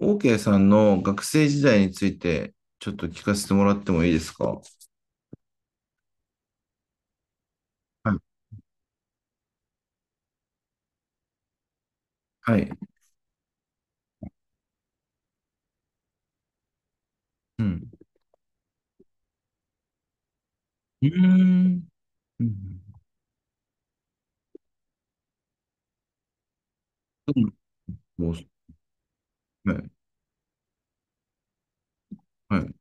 OK さんの学生時代についてちょっと聞かせてもらってもいいですか？はい。はい。うん。うーん。うん。もう、はい。はい。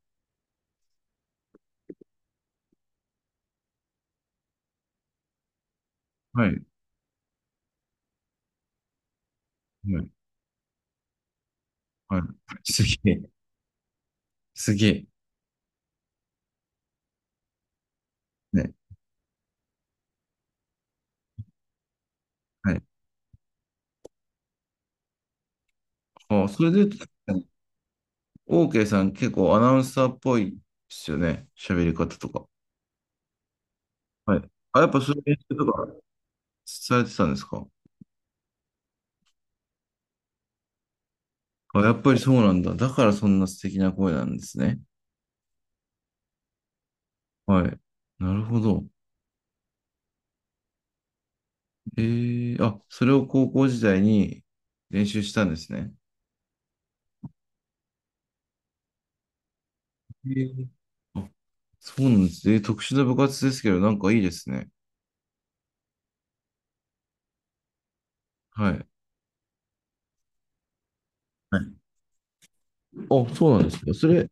はい。はい。はい。すげえ。すげえ。ね。はい。あ、それで言うと、OK さん結構アナウンサーっぽいですよね。喋り方とか。はい。あ、やっぱそういう練習とかされてたんですか？あ、やっぱりそうなんだ。だからそんな素敵な声なんですね。はい。なるほど。ええ、あ、それを高校時代に練習したんですね。えー、あ、そうなんです。えー特殊な部活ですけど、なんかいいですね。はい。はい、あ、そうなんですね。それ、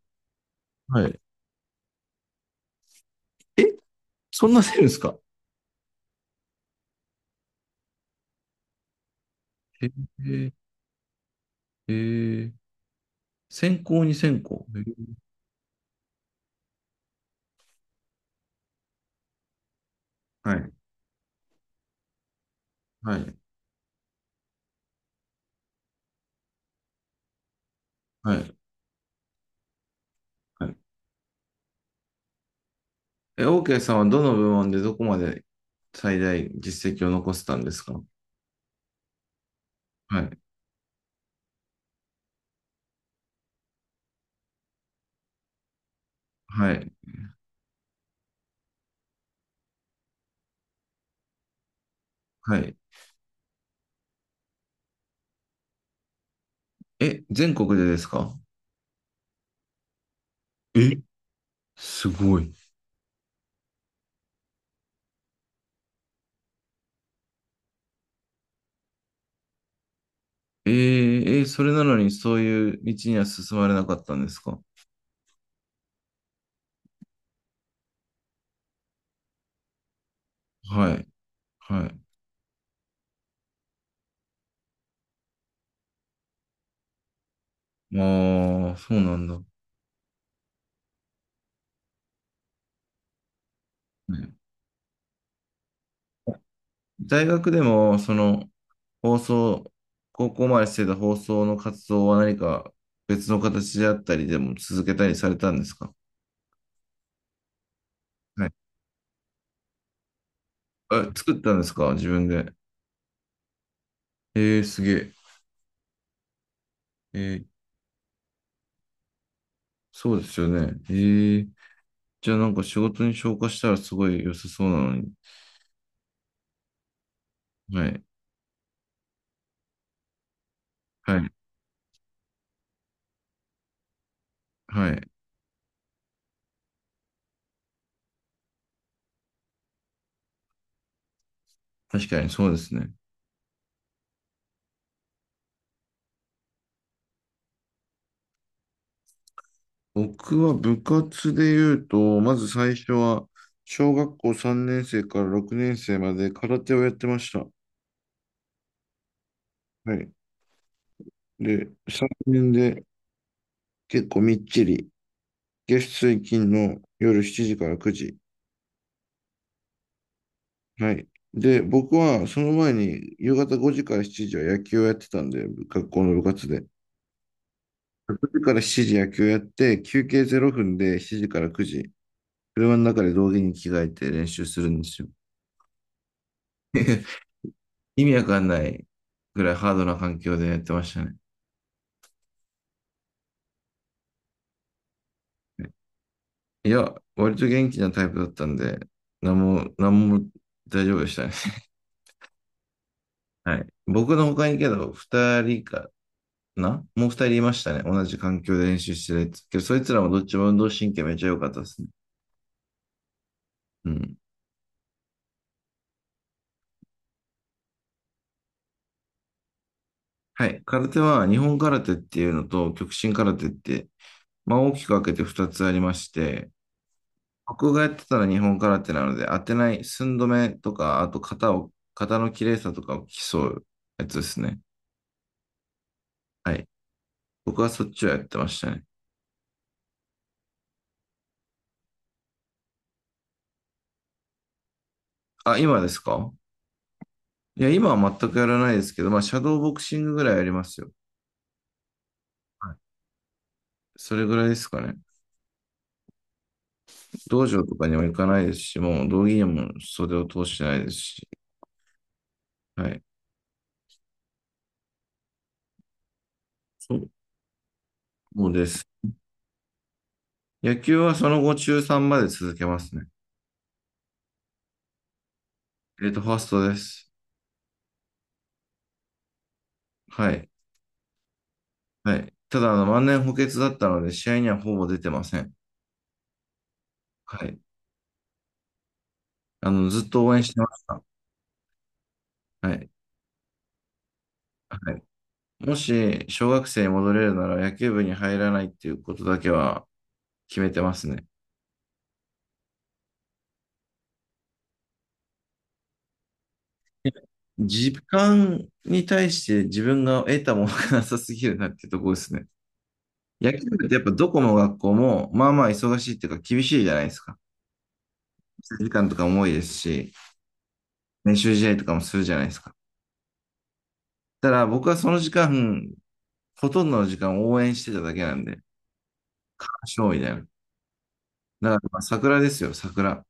はい。え、そんなせるんですか？えー、えー、専攻に専攻。えー、はい、はい、はい、はい。え、OK さんはどの部門でどこまで最大実績を残せたんですか？はい、はい、はい。え、全国でですか？え、すごい。えー、えーそれなのにそういう道には進まれなかったんですか？はい、はい。ああ、そうなんだ。ね。大学でも、その、放送、高校までしてた放送の活動は何か別の形であったりでも続けたりされたんですか？はい。あ、作ったんですか自分で。えー、すげえ。えー、そうですよね。えー、じゃあなんか仕事に昇華したらすごい良さそうなのに。はい、はい、はい。確かにそうですね。僕は部活で言うと、まず最初は、小学校3年生から6年生まで空手をやってました。はい。で、3年で結構みっちり、月水金の夜7時から9時。はい。で、僕はその前に夕方5時から7時は野球をやってたんで、部学校の部活で。6時から7時野球やって、休憩0分で7時から9時、車の中で道着に着替えて練習するんですよ。意味わかんないぐらいハードな環境でやってましたね。いや、割と元気なタイプだったんで、なんも大丈夫でしたね。はい。僕の他にけど、二人かなもう二人いましたね。同じ環境で練習してるやつ。けど、そいつらもどっちも運動神経めっちゃ良かったですね。うん。はい。空手は、日本空手っていうのと、極真空手って、まあ大きく分けて二つありまして、僕がやってたら日本空手なので、当てない、寸止めとか、あと型を、型の綺麗さとかを競うやつですね。はい。僕はそっちをやってましたね。あ、今ですか？いや、今は全くやらないですけど、まあ、シャドーボクシングぐらいやりますよ。はい、それぐらいですかね。道場とかにも行かないですし、もう道着にも袖を通してないですし。はい。そう。もうです。野球はその後中3まで続けますね。えっと、ファーストです。はい。はい。ただ、万年補欠だったので、試合にはほぼ出てません。はい。ずっと応援してました。はい。はい。もし、小学生に戻れるなら、野球部に入らないっていうことだけは決めてますね。時間に対して自分が得たものがなさすぎるなっていうところですね。野球部ってやっぱどこの学校も、まあまあ忙しいっていうか厳しいじゃないですか。時間とかも多いですし、練習試合とかもするじゃないですか。ただ僕はその時間、ほとんどの時間を応援してただけなんで、勝利だよ。だからまあ桜ですよ、桜。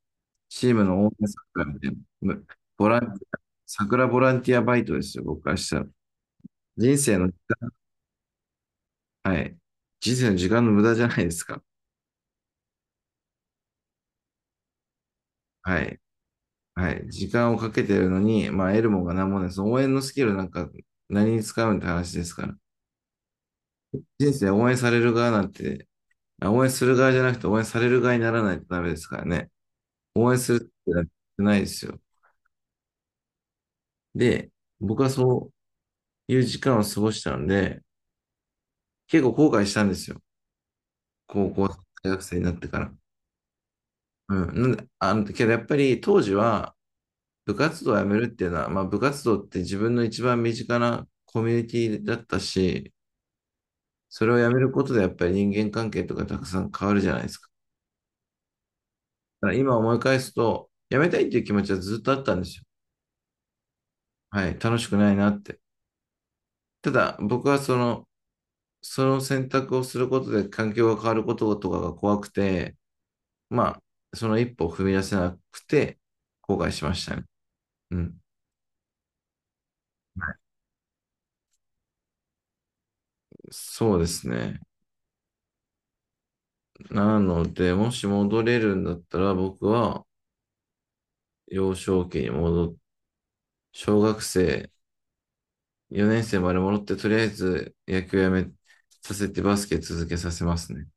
チームの応援桜みたいな。む、ボランティア、桜ボランティアバイトですよ、僕からしたら。人生の時間、はい。人生の時間の無駄じゃないですか。はい。はい。時間をかけてるのに、まあ、得るもんが何もないです。応援のスキルなんか何に使うんって話ですから。人生応援される側なんて、あ、応援する側じゃなくて応援される側にならないとダメですからね。応援するってなってないですよ。で、僕はそういう時間を過ごしたので、結構後悔したんですよ。高校、大学生になってから。うん。なんで、けどやっぱり当時は部活動をやめるっていうのは、まあ部活動って自分の一番身近なコミュニティだったし、それをやめることでやっぱり人間関係とかたくさん変わるじゃないですか。だから今思い返すと、やめたいっていう気持ちはずっとあったんですよ。はい。楽しくないなって。ただ僕はその、その選択をすることで環境が変わることとかが怖くて、まあ、その一歩を踏み出せなくて後悔しましたね。うん、そうですね。なので、もし戻れるんだったら、僕は幼少期に戻っ、小学生4年生まで戻って、とりあえず野球やめさせてバスケ続けさせますね。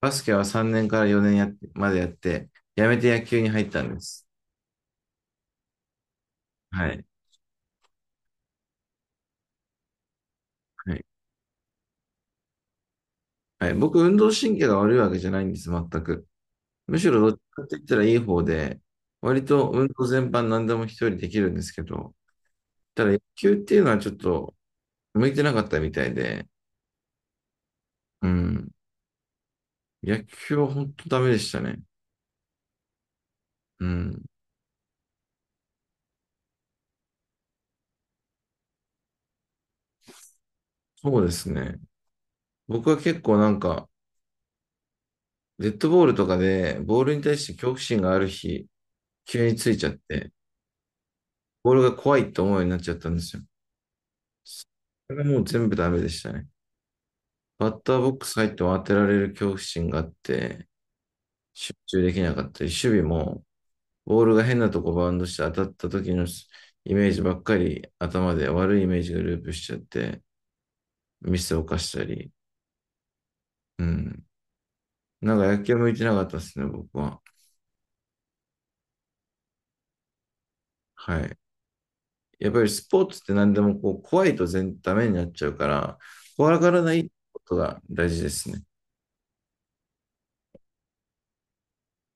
バスケは3年から4年やっまでやって、やめて野球に入ったんです。はい。はい。はい、僕、運動神経が悪いわけじゃないんです、全く。むしろどっちかって言ったらいい方で、割と運動全般何でも一人できるんですけど、ただ野球っていうのはちょっと、向いてなかったみたいで、うん。野球は本当ダメでしたね。うん。そうですね。僕は結構なんか、デッドボールとかで、ボールに対して恐怖心がある日、急についちゃって、ボールが怖いって思うようになっちゃったんですよ。それがもう全部ダメでしたね。バッターボックス入っても当てられる恐怖心があって、集中できなかったり、守備も、ボールが変なとこバウンドして当たった時のイメージばっかり頭で悪いイメージがループしちゃって、ミスを犯したり、うん。なんか野球向いてなかったですね、僕は。はい。やっぱりスポーツって何でもこう怖いと全ダメになっちゃうから、怖がらないことが大事ですね。